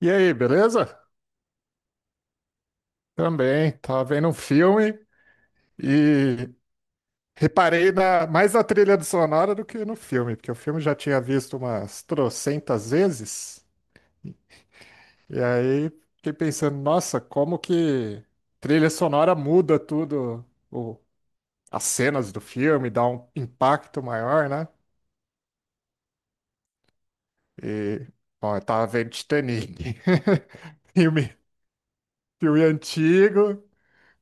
E aí, beleza? Também, tava vendo um filme e reparei mais na trilha do sonora do que no filme, porque o filme eu já tinha visto umas trocentas vezes, e aí fiquei pensando, nossa, como que trilha sonora muda tudo, o- as cenas do filme, dá um impacto maior, né? E, bom, eu tava vendo Titanic, filme, filme antigo.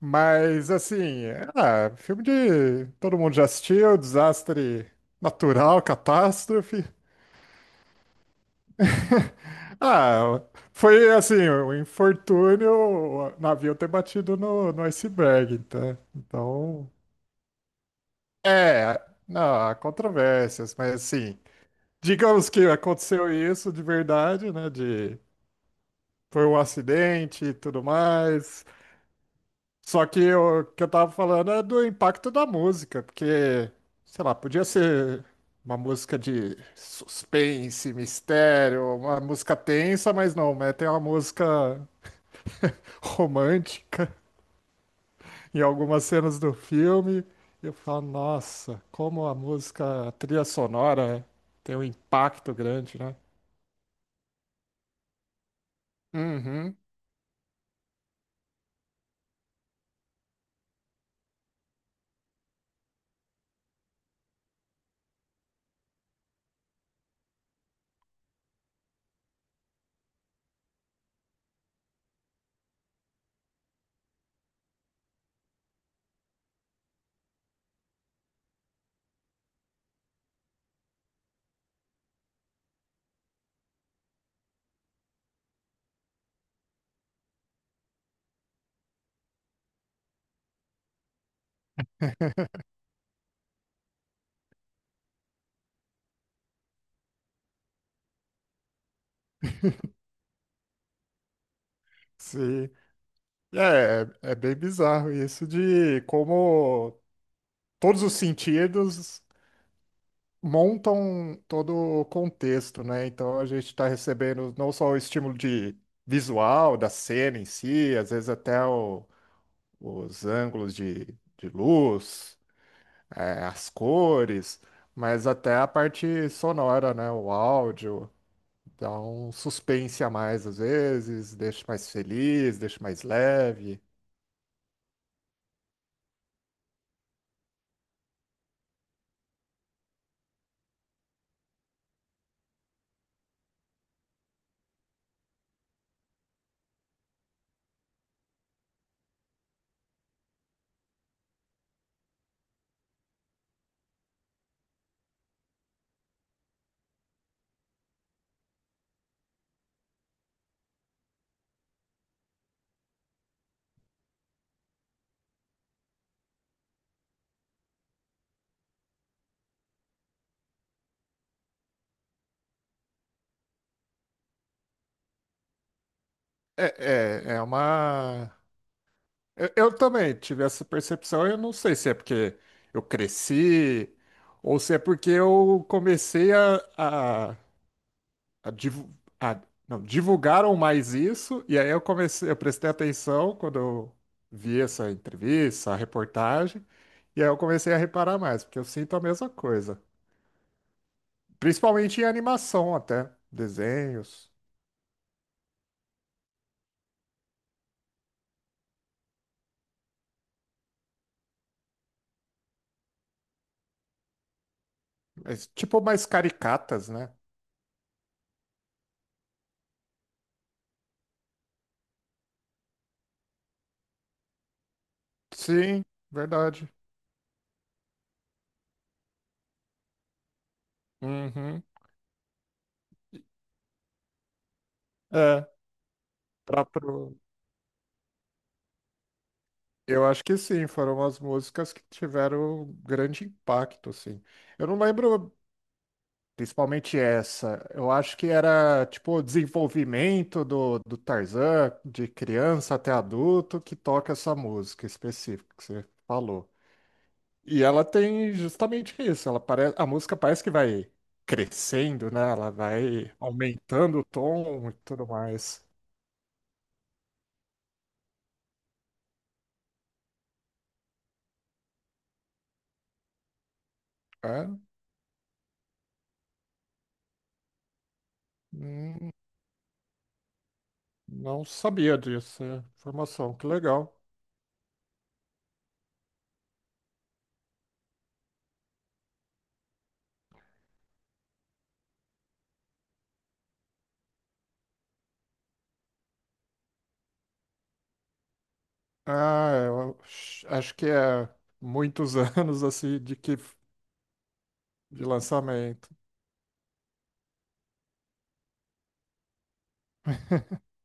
Mas assim, ah, filme de todo mundo já assistiu, desastre natural, catástrofe. Ah, foi assim, um infortúnio, o navio ter batido no iceberg, tá? Então, é, não, há controvérsias, mas assim, digamos que aconteceu isso de verdade, né? De Foi um acidente e tudo mais. Só que o que eu tava falando é do impacto da música, porque, sei lá, podia ser uma música de suspense, mistério, uma música tensa, mas não, né? Tem uma música romântica em algumas cenas do filme. E eu falo, nossa, como a música, a trilha sonora tem um impacto grande, né? Uhum, sim. É, é bem bizarro isso de como todos os sentidos montam todo o contexto, né? Então a gente está recebendo não só o estímulo de visual da cena em si, às vezes até o- os ângulos de luz, eh, as cores, mas até a parte sonora, né? O áudio dá um suspense a mais às vezes, deixa mais feliz, deixa mais leve. É, é, é uma eu também tive essa percepção. Eu não sei se é porque eu cresci ou se é porque eu comecei a, divu- a- não, divulgaram mais isso e aí eu comecei, eu prestei atenção quando eu vi essa entrevista, a reportagem, e aí eu comecei a reparar mais, porque eu sinto a mesma coisa. Principalmente em animação até, desenhos, mas, tipo mais caricatas, né? Sim, verdade. Uhum. É, próprio. Eu acho que sim, foram as músicas que tiveram grande impacto, assim. Eu não lembro principalmente essa. Eu acho que era tipo o desenvolvimento do Tarzan, de criança até adulto, que toca essa música específica que você falou. E ela tem justamente isso, ela parece, a música parece que vai crescendo, né? Ela vai aumentando o tom e tudo mais. É? Hum, não sabia disso, é informação, que legal. Ah, eu acho que é muitos anos assim de lançamento.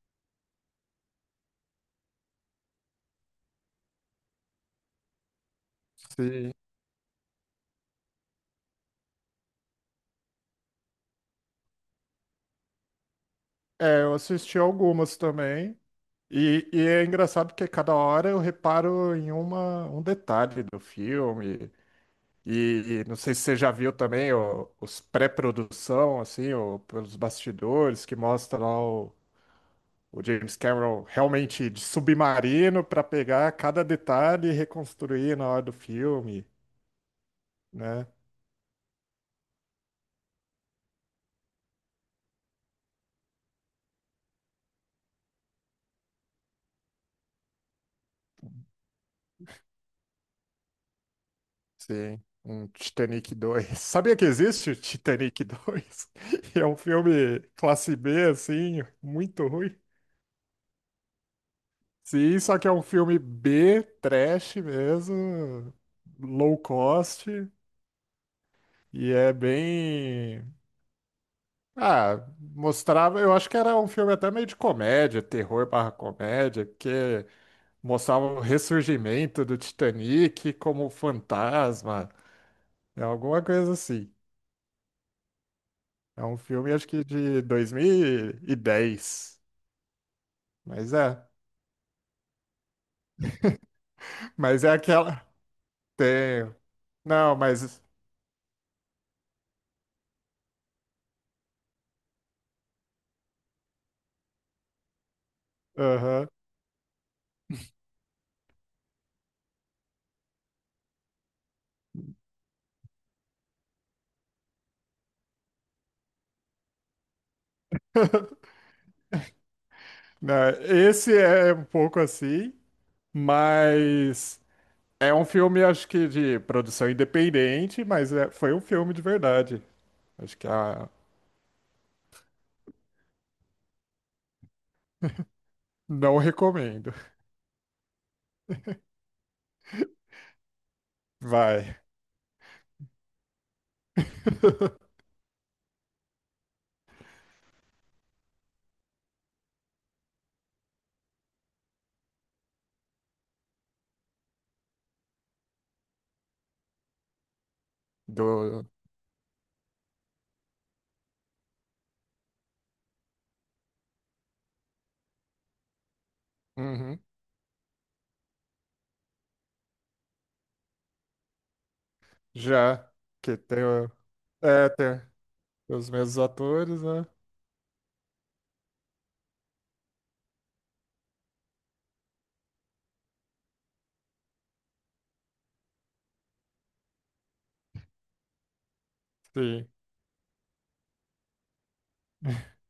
Sim. É, eu assisti algumas também. E é engraçado porque cada hora eu reparo em uma, um detalhe do filme. E não sei se você já viu também os pré-produção, assim, pelos bastidores, que mostra lá o James Cameron realmente de submarino para pegar cada detalhe e reconstruir na hora do filme, né? Sim, um Titanic 2. Sabia que existe o Titanic 2? É um filme classe B, assim, muito ruim. Sim, só que é um filme B, trash mesmo, low cost, e é bem. Ah, mostrava. Eu acho que era um filme até meio de comédia, terror barra comédia, porque mostrava o ressurgimento do Titanic como fantasma, é alguma coisa assim. É um filme, acho que de 2010. Mas é. Mas é aquela. Tenho. Não, mas. Aham. Não, esse é um pouco assim, mas. É um filme, acho que de produção independente, mas foi um filme de verdade. Acho que não recomendo. Vai. Do. Uhum. Já. Que tem. É, tem os mesmos atores, né? Sim.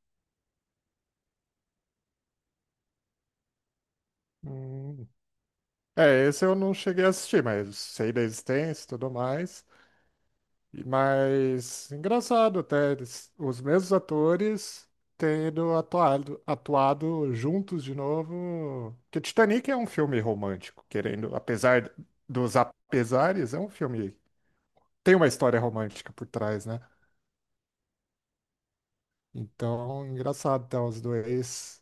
Hum. É, esse eu não cheguei a assistir, mas sei da existência e tudo mais. Mas engraçado até, os mesmos atores tendo atuado juntos de novo. Porque Titanic é um filme romântico, querendo, apesar dos apesares, é um filme. Tem uma história romântica por trás, né? Então, engraçado até os dois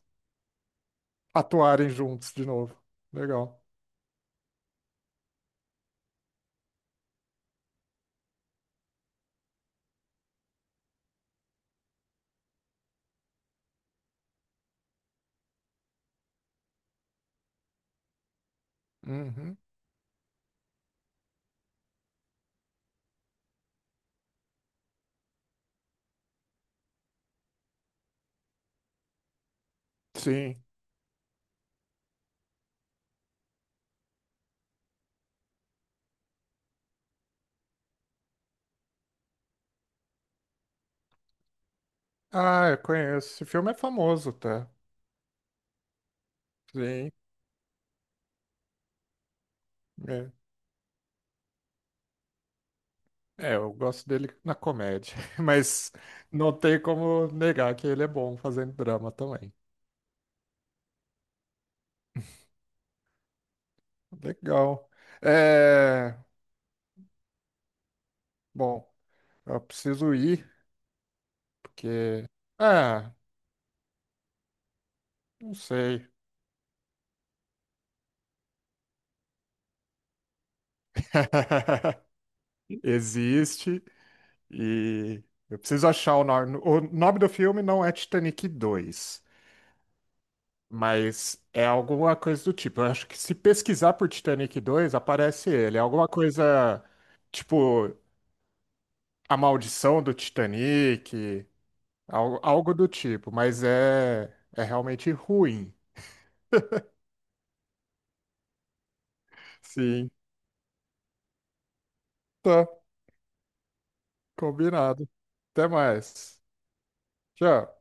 atuarem juntos de novo. Legal. Uhum. Sim. Ah, eu conheço. Esse filme é famoso, tá? Sim. É, eu gosto dele na comédia, mas não tem como negar que ele é bom fazendo drama também. Legal. É, bom, eu preciso ir, porque. Ah, não sei. Existe e eu preciso achar o nome. O nome do filme não é Titanic 2, mas é alguma coisa do tipo. Eu acho que se pesquisar por Titanic 2 aparece ele. É alguma coisa tipo A Maldição do Titanic, algo, algo do tipo, mas é realmente ruim. Sim, tá, combinado. Até mais. Tchau.